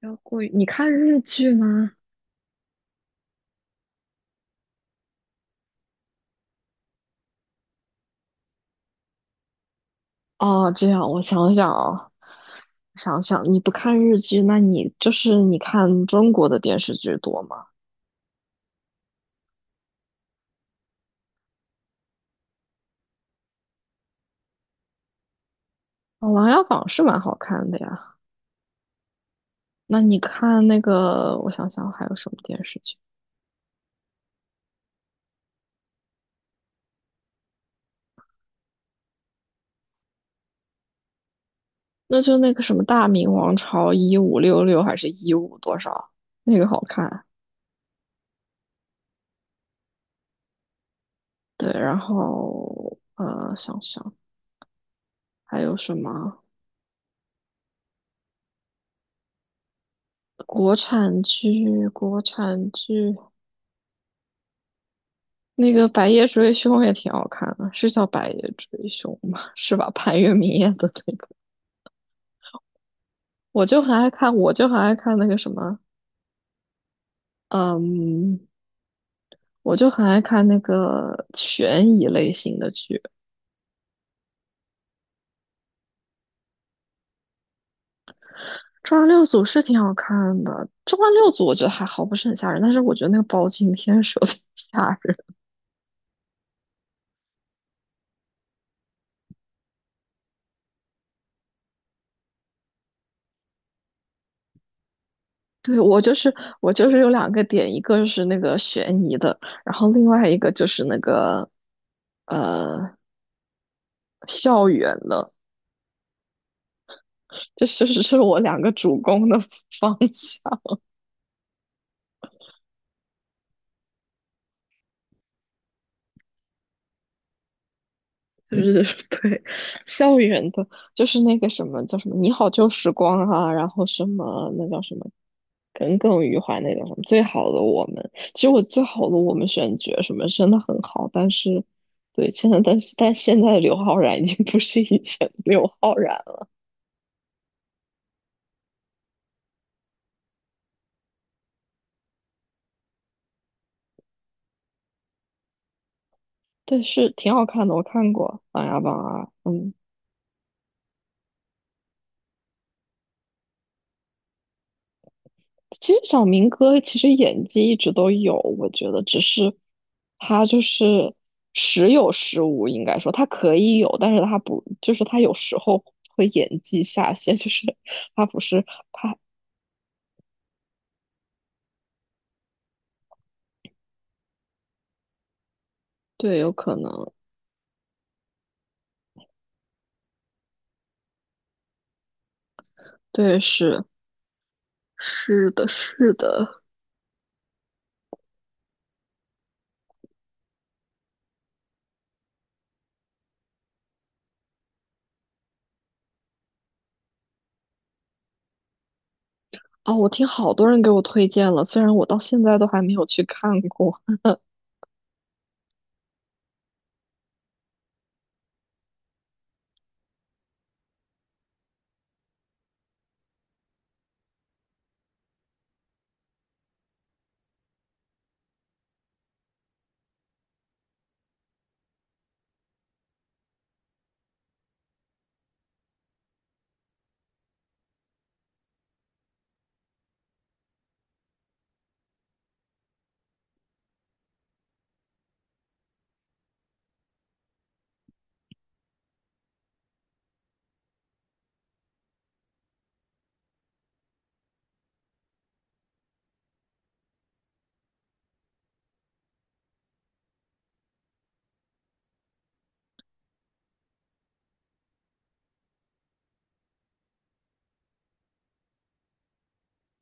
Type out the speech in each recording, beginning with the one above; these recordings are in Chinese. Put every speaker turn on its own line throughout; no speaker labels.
要过于，你看日剧吗？哦，这样我想想啊，想想你不看日剧，那你就是你看中国的电视剧多吗？哦，《琅琊榜》是蛮好看的呀。那你看那个，我想想还有什么电视剧？那就那个什么《大明王朝1566》还是一五多少？那个好看。对，然后想想还有什么国产剧？那个《白夜追凶》也挺好看的，是叫《白夜追凶》吗？是吧？潘粤明演的那个，我就很爱看那个什么，嗯，我就很爱看那个悬疑类型的剧。《重案六组》是挺好看的，《重案六组》我觉得还好，不是很吓人，但是我觉得那个包青天是有点吓人。对，我就是有两个点，一个就是那个悬疑的，然后另外一个就是那个呃校园的。这是我两个主攻的方向，就是 对校园的。就是那个什么叫什么“你好旧时光”啊，然后什么那叫什么耿耿于怀那叫什么“最好的我们”。其实我最好的我们选角什么真的很好，但是对现在，但现在的刘昊然已经不是以前的刘昊然了，但是挺好看的，我看过《琅琊榜》啊，嗯。其实小明哥其实演技一直都有，我觉得只是他就是时有时无，应该说他可以有，但是他不，就是他有时候会演技下线，就是他不是他，对，有可能，对，是的，是的，哦，我听好多人给我推荐了，虽然我到现在都还没有去看过。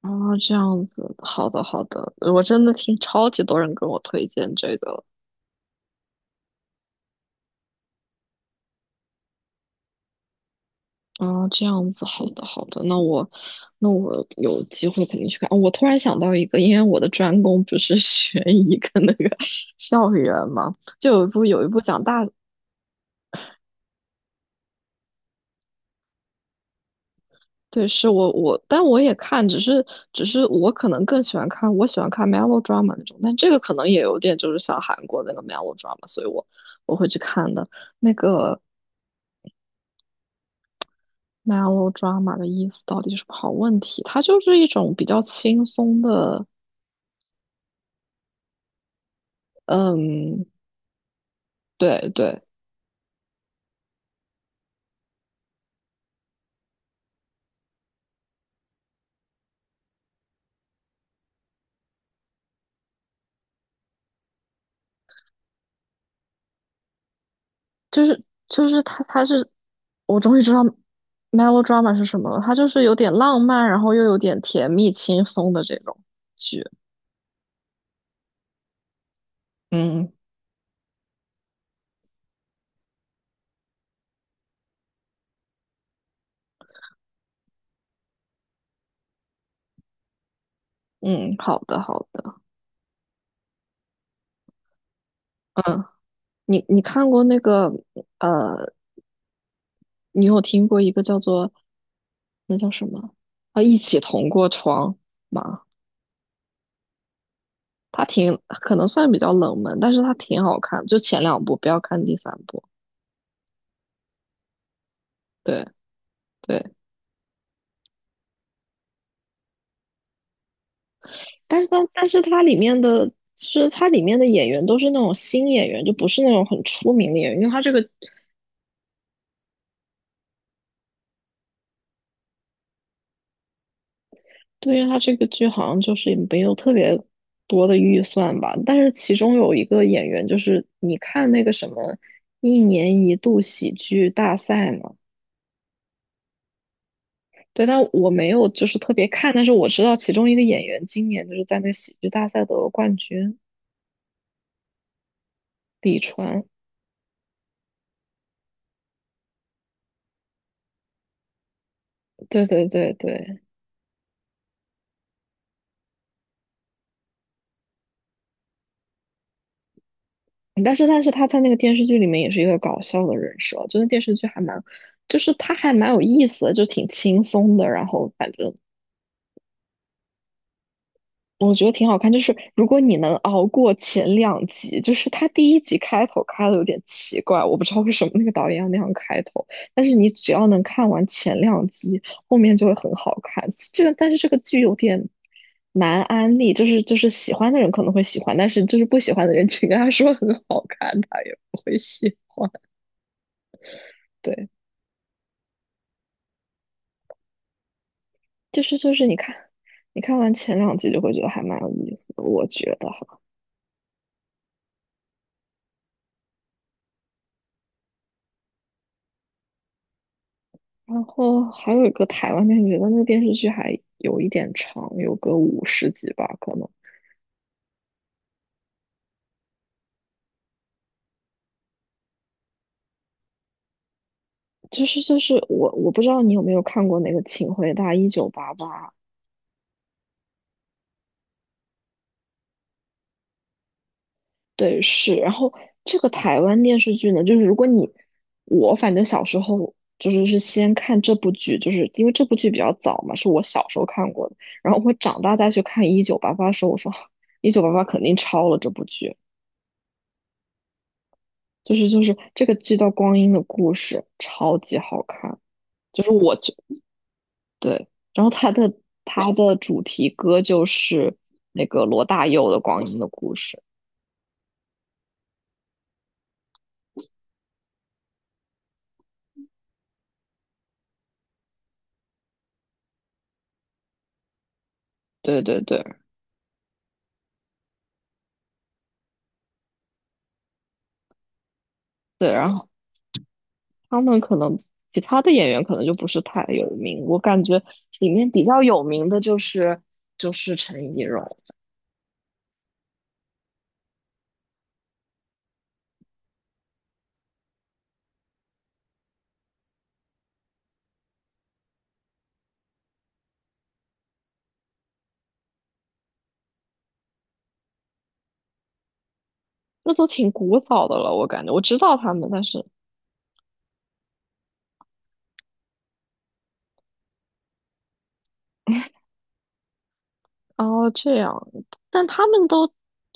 啊，这样子，好的好的，我真的听超级多人跟我推荐这个，啊，这样子，好的，好的，那我有机会肯定去看。哦，我突然想到一个，因为我的专攻不是 悬疑跟那个 校园嘛。就有一部有一部讲大，对，是我，但我也看，只是我可能更喜欢看，我喜欢看 melodrama 那种，但这个可能也有点就是像韩国那个 melodrama，所以我会去看的。那个 melodrama 的意思到底是什么？好问题，它就是一种比较轻松的，嗯，对对。就是就是他他是，我终于知道 melodrama 是什么了，它就是有点浪漫，然后又有点甜蜜轻松的这种剧。嗯嗯，好的好的，嗯，你你看过那个呃，你有听过一个叫做那叫什么啊，一起同过窗吗？它挺可能算比较冷门，但是它挺好看，就前两部，不要看第三部。对对。但是它但是它里面的是它里面的演员都是那种新演员，就不是那种很出名的演员，因为它这个对于它这个剧好像就是也没有特别多的预算吧。但是其中有一个演员就是你看那个什么一年一度喜剧大赛嘛，对，但我没有就是特别看，但是我知道其中一个演员今年就是在那喜剧大赛得了冠军，李川，对对对对。但是他在那个电视剧里面也是一个搞笑的人设，就那电视剧还蛮，就是他还蛮有意思的，就挺轻松的。然后反正我觉得挺好看，就是如果你能熬过前两集，就是他第一集开头开的有点奇怪，我不知道为什么那个导演要那样开头，但是你只要能看完前两集，后面就会很好看。这个，但是这个剧有点难安利，就是喜欢的人可能会喜欢，但是就是不喜欢的人，请跟他说很好看，他也不会喜欢。对。就是就是你看，你看完前两集就会觉得还蛮有意思的，我觉得哈。然后还有一个台湾电视剧，但那个电视剧还有一点长，有个50集吧，可能。我不知道你有没有看过那个《请回答一九八八》，对，是。然后这个台湾电视剧呢，就是如果你我反正小时候是先看这部剧，就是因为这部剧比较早嘛，是我小时候看过的。然后我长大再去看《一九八八》的时候，我说，啊，一九八八肯定抄了这部剧，就是这个剧叫《光阴的故事》，超级好看。就是我觉对，然后它的主题歌就是那个罗大佑的《光阴的故事》。对对对对，然后他们可能其他的演员可能就不是太有名，我感觉里面比较有名的就是陈怡蓉，那都挺古早的了，我感觉我知道他们，但是哦，这样，但他们都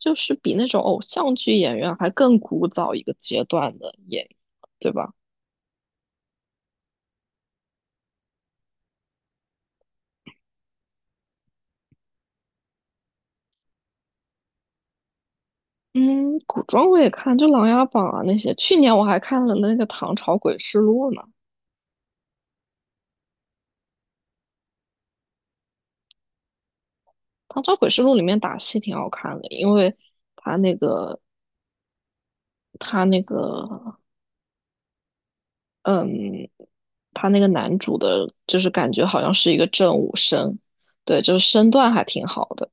就是比那种偶像剧演员还更古早一个阶段的演员，对吧？嗯，古装我也看，就《琅琊榜》啊那些。去年我还看了那个《唐朝诡事录》呢，《唐朝诡事录》里面打戏挺好看的，因为他那个他那个嗯，他那个男主的，就是感觉好像是一个正武生，对，就是身段还挺好的，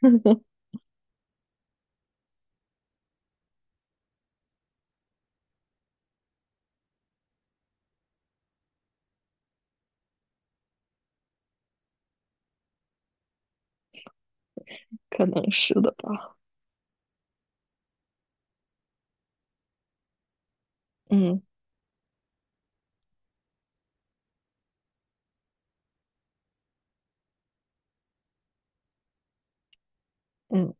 可能是的吧，嗯嗯。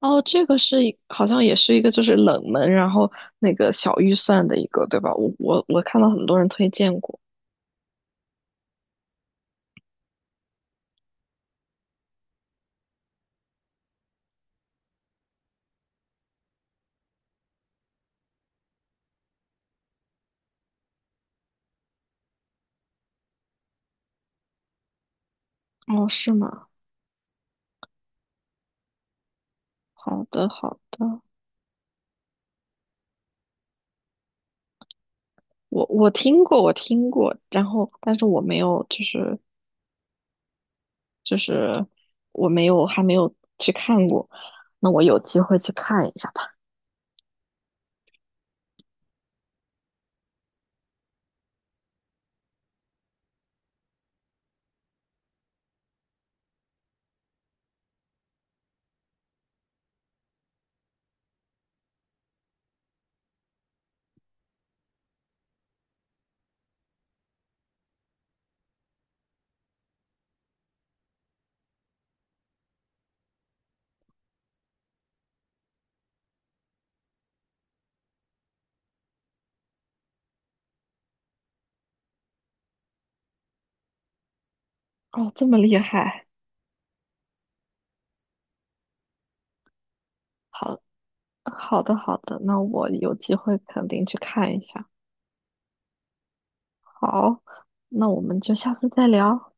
哦，这个是一好像也是一个就是冷门，然后那个小预算的一个，对吧？我看到很多人推荐过。哦，是吗？好的好的，我听过，然后但是我没有就是就是我没有还没有去看过，那我有机会去看一下吧。哦，这么厉害，好好的好的，那我有机会肯定去看一下。好，那我们就下次再聊。